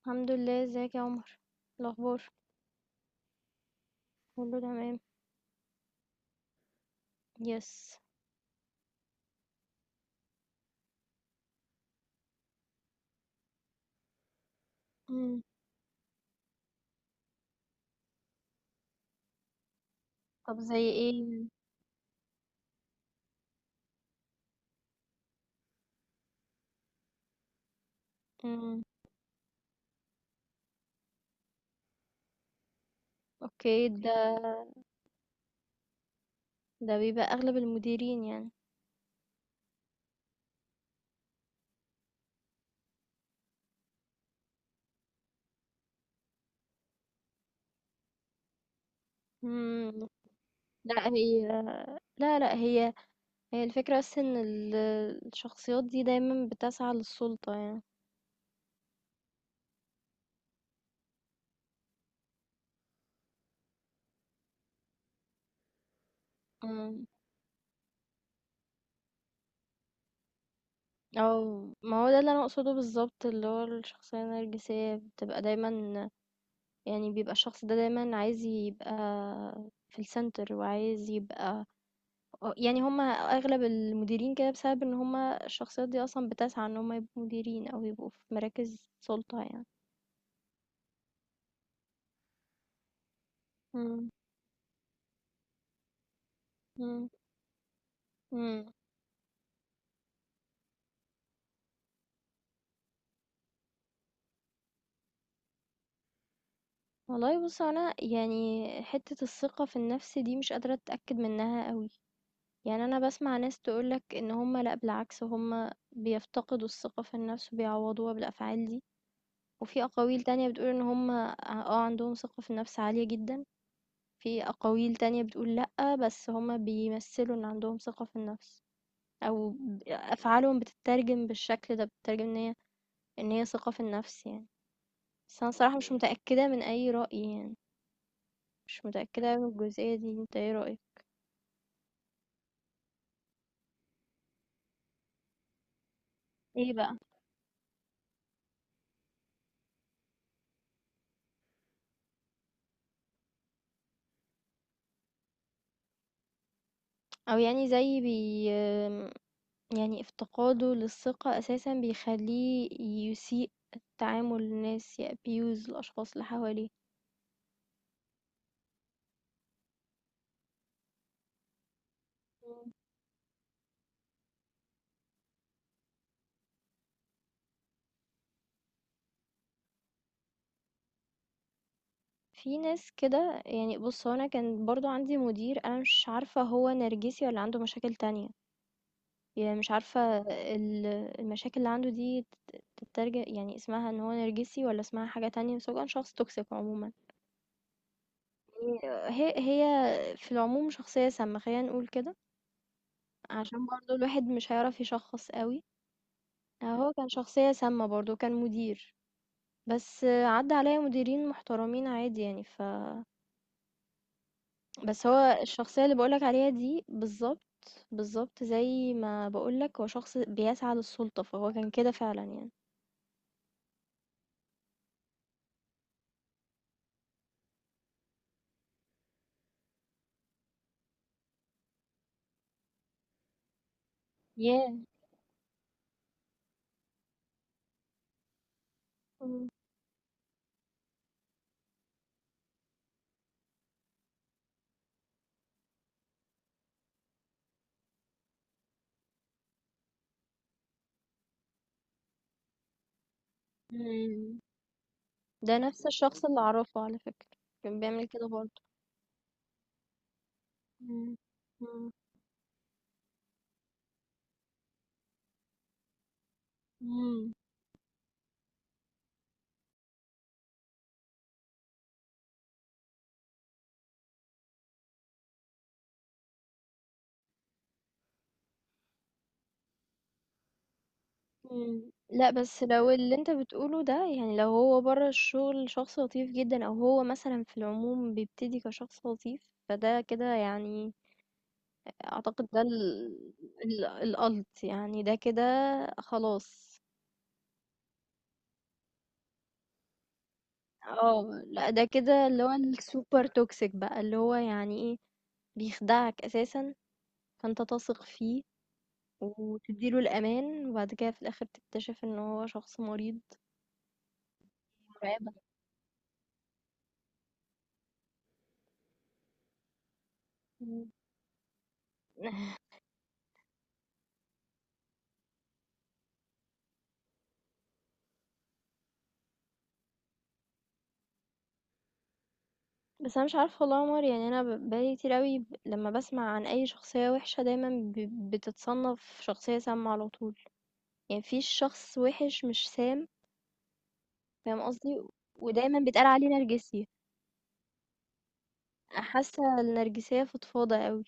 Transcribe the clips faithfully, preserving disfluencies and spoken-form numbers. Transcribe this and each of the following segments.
الحمد لله. ازيك يا عمر؟ إيه الاخبار؟ كله تمام. يس. مم. طب زي ايه؟ مم. اوكي. ده ده بيبقى اغلب المديرين يعني. مم. لا، هي، لا، لا، هي هي الفكرة بس ان ال- الشخصيات دي دايما بتسعى للسلطة يعني. مم. او ما هو ده اللي انا اقصده بالظبط، اللي هو الشخصية النرجسية بتبقى دايما، يعني بيبقى الشخص ده دايما عايز يبقى في السنتر، وعايز يبقى آه، يعني هم أغلب المديرين كده بسبب إن هم الشخصيات دي أصلًا بتسعى إن هم يبقوا مديرين أو يبقوا في مراكز سُلطة يعني. إمم، إمم. إمم. والله بُص، هو أنا يعني حتّة الثقة في النَفْس دي مش قادرة أتأكد منها أوي. يعني أنا باسمع ناس تقول لك إن هم لأ، بالعكس هم بيفتقدوا الثقة في النَفْس وبيعوّضوها بالأفعال دي، وفي أقاويل تانية بتقول إن هم آه، عندهم ثقة في النَفْس عالية جدًا، في أقاويل تانية بتقول لأ، بس هم بيمثّلوا إن عندهم ثقة في النَفْس. او ب- افعالهم بتترجم بالشكل ده، بتترجم ان هي ان هي ثقة في النفس يعني. بس انا صراحة مش متأكدة من اي رأي يعني، مش متأكدة من الجزئية دي. انت ايه رأيك؟ ايه بقى؟ او يعني زي بي يعني افتقاده للثقة اساسا بيخليه يسيء تعامل الناس، يأبيوز الاشخاص اللي حواليه. مم. في ناس كده يعني. بص، هو انا كان برضو عندي مدير، انا مش عارفة هو نرجسي ولا عنده مشاكل تانية، يعني مش عارفة ال المشاكل اللي عنده دي تت تترج يعني اسمها إن هو نرجسي والّا اسمها حاجة تانية، بس هو كان شخص toxic عمومًا. آآ هي هي في العموم شخصية سامة، خلّينا نقول كده، عشان برضه الواحد مش هيعرف يشخّص أوي. هو كان شخصية سامة برضه، كان مدير، بس عدّى عليَّ مديرين محترمين عادي يعني. ف بس هو الشخصية اللي باقول لك عليها دي بالضبط، بالضبط زي ما باقول لك هو شخص بيسعى للسُلطة، فهو كان كده فعلًا يعني. ياه! إمم. إمم. ده نفس الشخص اللي أعرفه على فكرة، كان بيعمل كده برضه. إمم، إمم، إمم، إمم. لأ، بس لو اللي أنت بتقوله ده يعني، لو هو برّه الشغل شخص لطيف جدًا أو هو مثلًا في العموم بيبتدي كشخص لطيف، فده كده يعني أعتقد ده ال ال الألت يعني، ده كده خلاص. آه، لأ ده كده اللي هو الsuper toxic بقى، اللي هو يعني إيه، بيخدعك أساسًا فأنت تثق فيه وتديله الأمان وبعد كده في الآخر تكتشف إن هو شخص مريض مرعبة. مم. بس أنا مش عارفة والله يا عمر، يعني أنا ب- بقالي كتير أوي، ب- لما بسمع عن أي شخصية وحشة دايما ب- بتتصنف شخصية سامة على طول، يعني مفيش شخص وحش مش سام، فاهم قصدي؟ ودايما بيتقال عليه نرجسي، حاسة النرجسية فضفاضة أوي.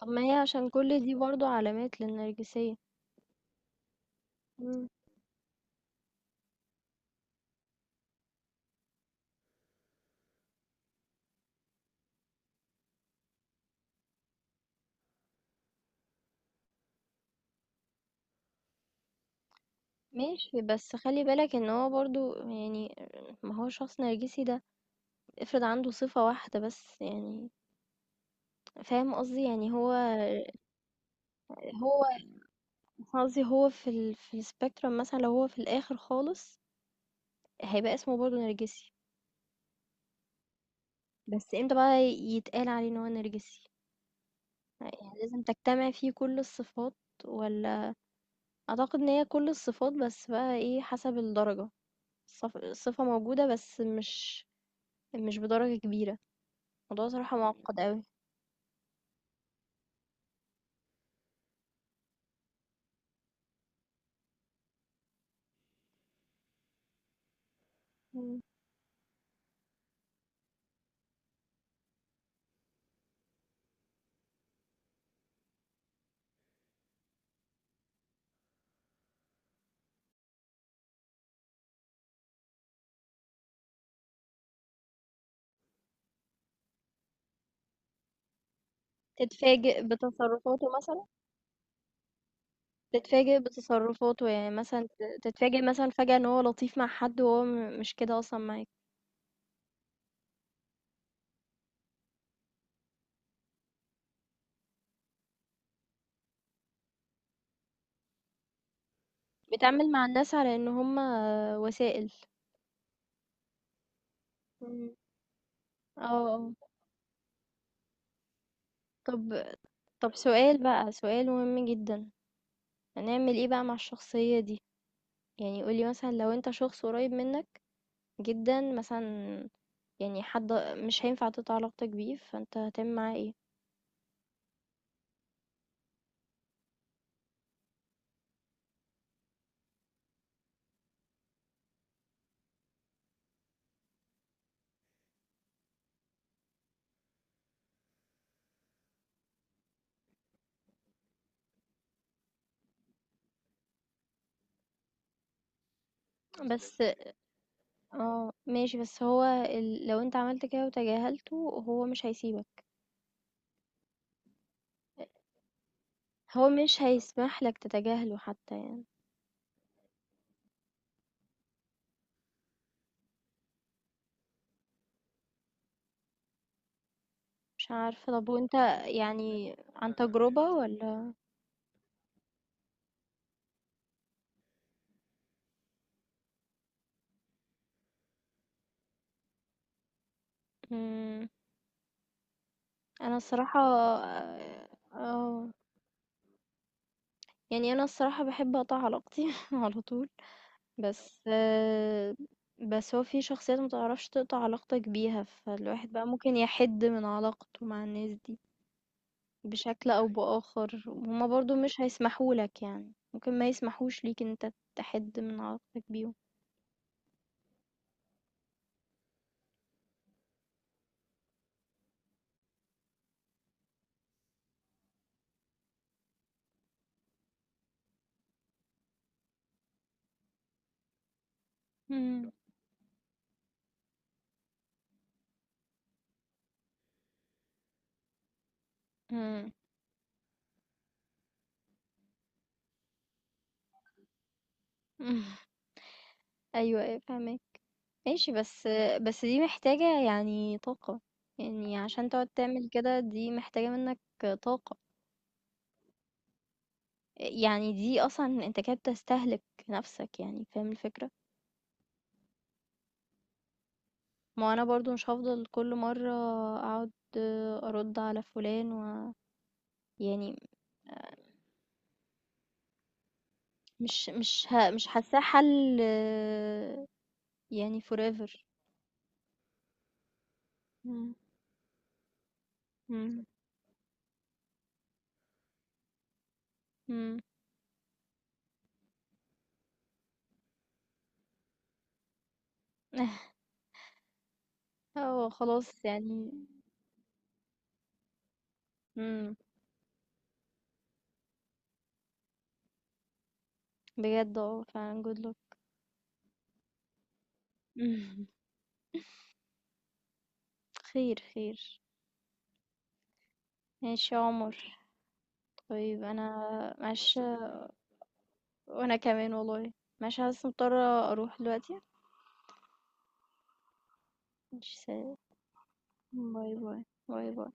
طب ما هي عشان كل دي برضو علامات للنرجسية. مم. ماشي، بس خلي بالك ان هو برضو يعني، ما هو شخص نرجسي ده افرض عنده صفة واحدة بس يعني، فاهم قصدي؟ يعني هو هو قصدي هو في ال في السبيكترم مثلًا، لو هو في الآخر خالص هيبقى اسمه برضه نرجسي، بس امتى بقى يتقال عليه إن هو نرجسي؟ يعني لازم تجتمع فيه كل الصفات والّا؟ أعتقد إن هي كل الصفات، بس بقى إيه حسب الدرجة، الصف الصفة موجودة بس مش مش بدرجة كبيرة، الموضوع صراحة معقد أوي. إمم. تتفاجئ بتصرفاته مثلًا؟ تتفاجئ بتصرفاته يعني مثلًا ت تتفاجئ مثلًا فجأة إن هو لطيف مع حد وهو م مش كده أصلًا معاك، بيتعامل مع الناس على إن هم وسائل. إمم. آه، آه. طب طب سؤال بقى، سؤال مهم جدًا، هنعمل إيه بقى مع الشخصية دي؟ يعني قُل لي مثلًا، لو أنت شخص قريب منك جدًا مثلًا، يعني حد مش هينفع تقطع علاقتك بيه، فأنت هتعمل معاه إيه؟ بس آه، ماشي بس هو ال لو أنت عملت كده وتجاهلته هو مش هيسيبك. هو مش هيسمح لك تتجاهله حتى يعني. مش عارفة، طب وانت يعني عن تجربة ولا؟ مم. انا الصراحة، اه يعني انا الصراحة بحب اقطع علاقتي على طول. بس آه، بس هو في شخصيات متعرفش تقطع علاقتك بيها فالواحد بقى ممكن يحد من علاقته مع الناس دي بشكل او بآخر، هما برضو مش هيسمحولك يعني، ممكن ما يسمحوش ليك ان انت تحد من علاقتك بيهم. مم. مم. أيوه، أيوه، فاهماك، ماشي. بس بس دي محتاجة يعني طاقة، يعني عشان تقعد تعمل كده دي محتاجة منك طاقة، يعني دي أصلًا أنت كده بتستهلك نفسك يعني، فاهم الفكرة؟ ما هو أنا برضه مش هافضل كل مرة أقعد أرُد على فلان و يعني مش مش ه مش حاساه حل يعني forever. إمم، إمم. إمم، هو خلاص يعني. إمم، بجد آه فعلًا good luck. خير، خير. ماشي يا عمر. طيب انا ماشي، وانا كمان والله، ماشي بس مضطرة اروح دلوقتي. ماشي، سلام. باي باي. باي باي.